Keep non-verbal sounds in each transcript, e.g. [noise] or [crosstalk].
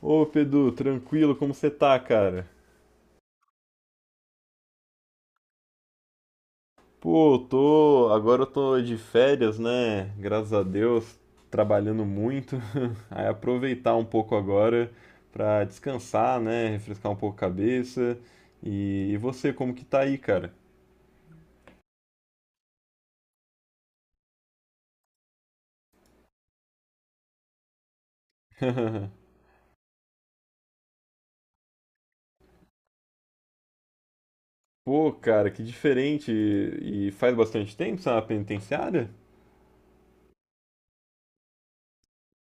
Ô, Pedro, tranquilo, como você tá, cara? Pô, eu tô. Agora eu tô de férias, né? Graças a Deus, trabalhando muito. [laughs] Aí aproveitar um pouco agora pra descansar, né? Refrescar um pouco a cabeça. E você, como que tá aí, cara? [laughs] Pô, cara, que diferente. E faz bastante tempo você é na penitenciária?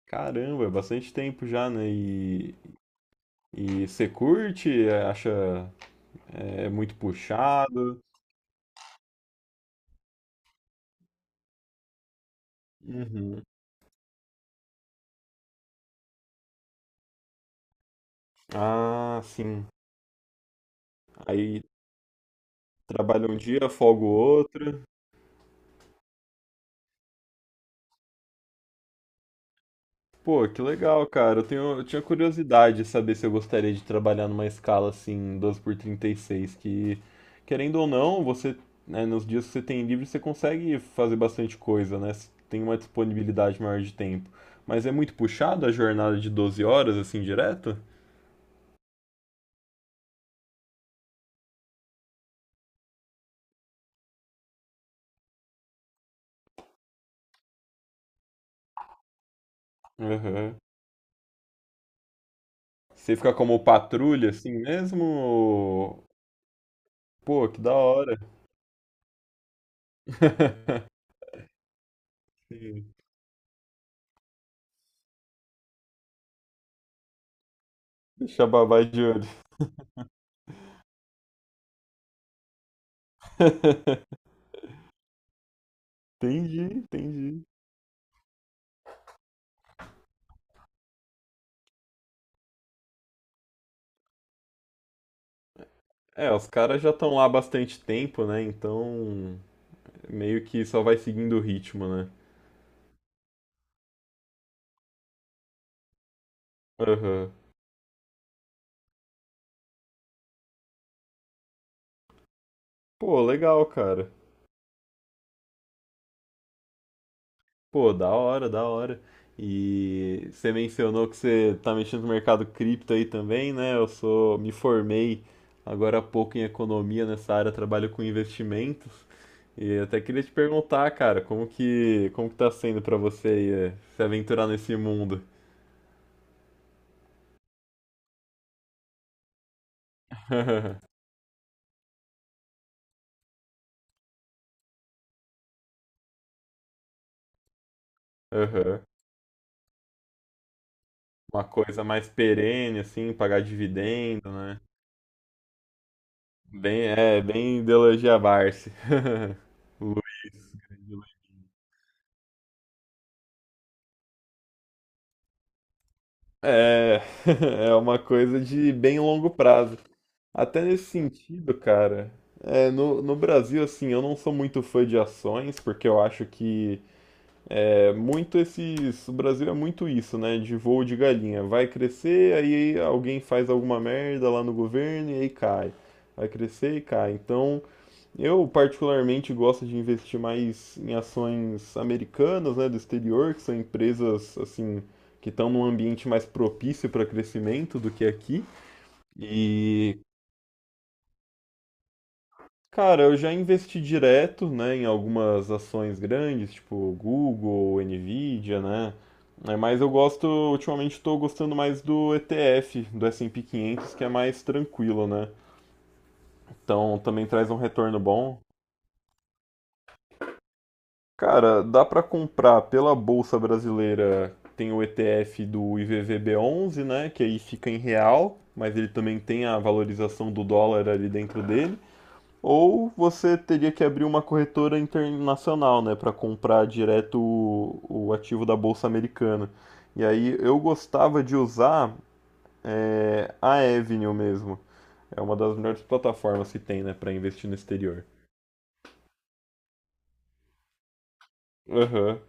Caramba, é bastante tempo já, né? E você curte? Acha muito puxado? Uhum. Ah, sim. Aí trabalha um dia, folga o outro. Pô, que legal, cara. Eu tinha curiosidade de saber se eu gostaria de trabalhar numa escala assim, 12x36. Que querendo ou não, você, né, nos dias que você tem livre, você consegue fazer bastante coisa, né? Você tem uma disponibilidade maior de tempo. Mas é muito puxado a jornada de 12 horas assim direto? Aham. Você fica como patrulha assim mesmo? Pô, que da hora. [laughs] Sim. Deixa a babá de olho. [laughs] Entendi, entendi. É, os caras já estão lá há bastante tempo, né? Então, meio que só vai seguindo o ritmo, né? Aham. Pô, legal, cara. Pô, da hora, da hora. E você mencionou que você tá mexendo no mercado cripto aí também, né? Me formei agora há pouco em economia nessa área, trabalho com investimentos. E até queria te perguntar, cara, como que tá sendo pra você aí, se aventurar nesse mundo? [laughs] Aham. Uma coisa mais perene, assim, pagar dividendo, né? Bem, ideologia Barsi. [laughs] Luiz. Grande Luiz. É, [laughs] é uma coisa de bem longo prazo. Até nesse sentido, cara, no Brasil, assim, eu não sou muito fã de ações, porque eu acho que é muito esses. O Brasil é muito isso, né? De voo de galinha. Vai crescer, aí alguém faz alguma merda lá no governo e aí cai. Vai crescer e cai. Então. Eu particularmente gosto de investir mais em ações americanas, né, do exterior, que são empresas assim que estão num ambiente mais propício para crescimento do que aqui. E, cara, eu já investi direto, né, em algumas ações grandes, tipo Google, Nvidia, né? É, mas eu gosto, ultimamente estou gostando mais do ETF, do S&P 500, que é mais tranquilo, né? Então também traz um retorno bom. Cara, dá para comprar pela Bolsa Brasileira, tem o ETF do IVVB11, né, que aí fica em real, mas ele também tem a valorização do dólar ali dentro dele. Ou você teria que abrir uma corretora internacional, né, para comprar direto o ativo da Bolsa Americana. E aí eu gostava de usar a Avenue mesmo. É uma das melhores plataformas que tem, né, para investir no exterior. Aham.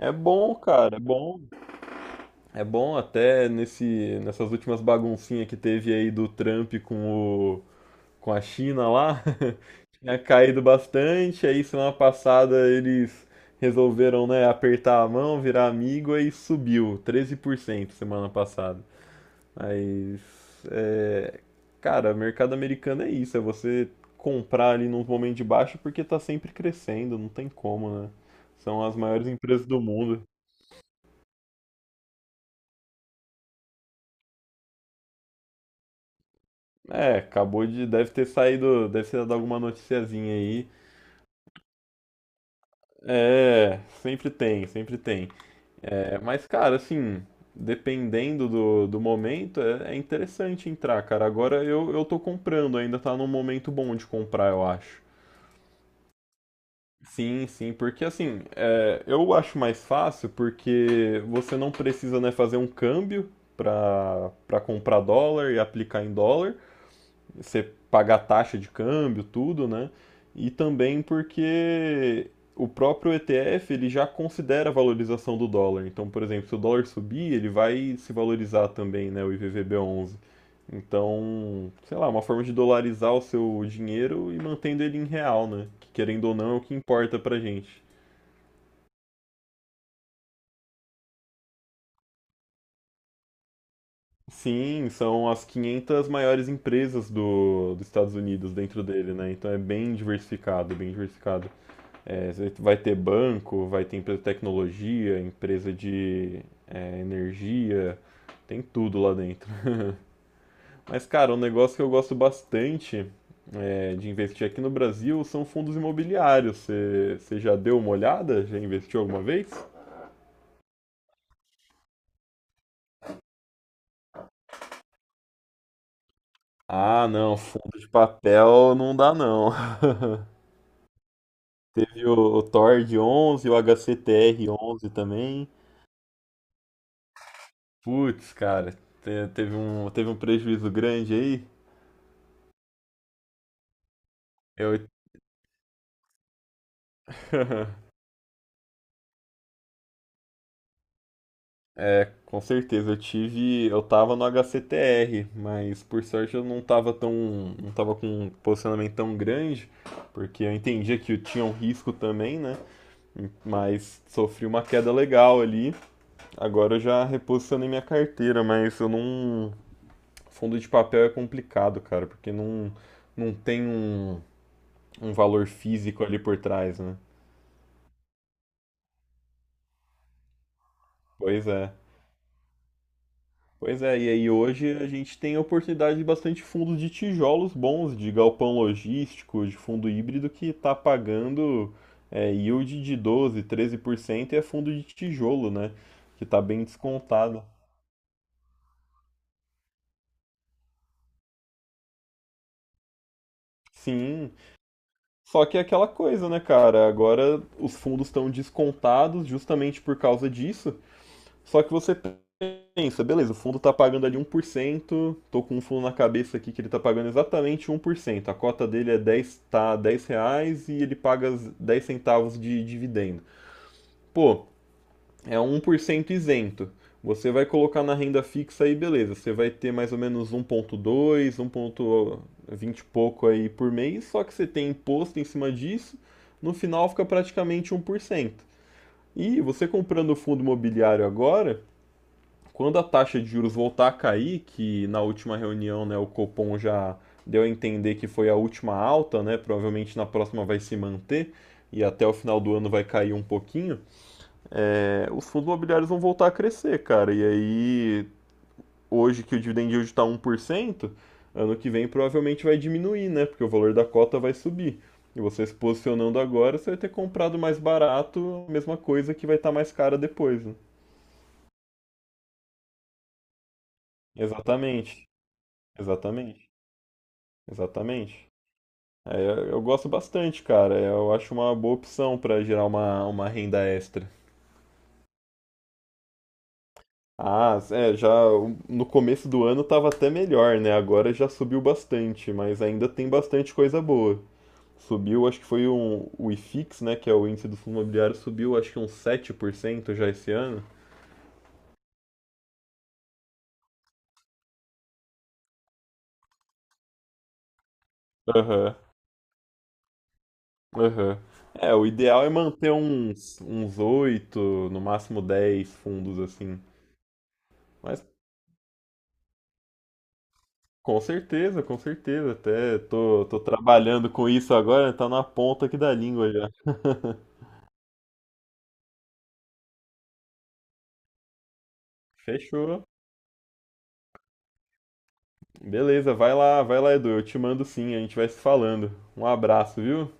É bom, cara, é bom. É bom até nessas últimas baguncinhas que teve aí do Trump com a China lá, [laughs] tinha caído bastante, aí semana passada eles resolveram, né, apertar a mão, virar amigo, aí subiu 13% semana passada. Mas, é, cara, mercado americano é isso, é você comprar ali num momento de baixo porque tá sempre crescendo, não tem como, né? São as maiores empresas do mundo. É, acabou de. Deve ter saído. Deve ter dado alguma noticiazinha aí. É, sempre tem, sempre tem. É, mas, cara, assim, dependendo do momento, é interessante entrar, cara. Agora eu tô comprando, ainda tá num momento bom de comprar, eu acho. Sim, sim, porque assim, eu acho mais fácil porque você não precisa, né, fazer um câmbio para comprar dólar e aplicar em dólar. Você pagar taxa de câmbio, tudo, né? E também porque o próprio ETF ele já considera a valorização do dólar. Então, por exemplo, se o dólar subir, ele vai se valorizar também, né, o IVVB11. Então, sei lá, uma forma de dolarizar o seu dinheiro e mantendo ele em real, né? Que querendo ou não é o que importa pra gente. Sim, são as 500 maiores empresas dos Estados Unidos dentro dele, né? Então é bem diversificado, bem diversificado. É, você vai ter banco, vai ter empresa de tecnologia, empresa de energia, tem tudo lá dentro. [laughs] Mas, cara, um negócio que eu gosto bastante é, de investir aqui no Brasil são fundos imobiliários. Você já deu uma olhada? Já investiu alguma vez? Ah, não, fundo de papel não dá não. [laughs] Teve o Tord 11, o HCTR 11 também. Putz, cara, teve um prejuízo grande aí. Eu. [laughs] É, com certeza. Eu tava no HCTR, mas por sorte eu não tava tão, não tava com um posicionamento tão grande, porque eu entendia que eu tinha um risco também, né? Mas sofri uma queda legal ali. Agora eu já reposicionei minha carteira, mas eu não, fundo de papel é complicado, cara, porque não tem um valor físico ali por trás, né? Pois é. Pois é, e aí hoje a gente tem a oportunidade de bastante fundos de tijolos bons, de galpão logístico, de fundo híbrido que está pagando yield de 12, 13% e é fundo de tijolo, né? Que está bem descontado. Sim, só que é aquela coisa, né, cara? Agora os fundos estão descontados justamente por causa disso. Só que você pensa, beleza, o fundo está pagando ali 1%. Tô com um fundo na cabeça aqui que ele está pagando exatamente 1%. A cota dele é dez, tá, 10 reais e ele paga 10 centavos de dividendo. Pô, é 1% isento. Você vai colocar na renda fixa aí, beleza, você vai ter mais ou menos um 1,2, 1,20 e pouco aí por mês, só que você tem imposto em cima disso, no final fica praticamente 1%. E você comprando o fundo imobiliário agora, quando a taxa de juros voltar a cair, que na última reunião né, o Copom já deu a entender que foi a última alta, né, provavelmente na próxima vai se manter e até o final do ano vai cair um pouquinho, os fundos imobiliários vão voltar a crescer, cara. E aí, hoje que o dividend yield está 1%, ano que vem provavelmente vai diminuir, né? Porque o valor da cota vai subir. E você se posicionando agora, você vai ter comprado mais barato, a mesma coisa que vai estar tá mais cara depois. Né? Exatamente, exatamente. Exatamente. É, eu gosto bastante, cara. Eu acho uma boa opção para gerar uma renda extra. Ah, é, já no começo do ano tava até melhor, né? Agora já subiu bastante, mas ainda tem bastante coisa boa. Subiu, acho que foi o IFIX, né? Que é o índice do fundo imobiliário, subiu acho que uns 7% já esse ano. Aham, aham. É, o ideal é manter uns 8 no máximo 10 fundos assim. Mas com certeza, com certeza. Até tô trabalhando com isso agora, tá na ponta aqui da língua já. [laughs] Fechou. Beleza, vai lá, Edu. Eu te mando sim, a gente vai se falando. Um abraço, viu?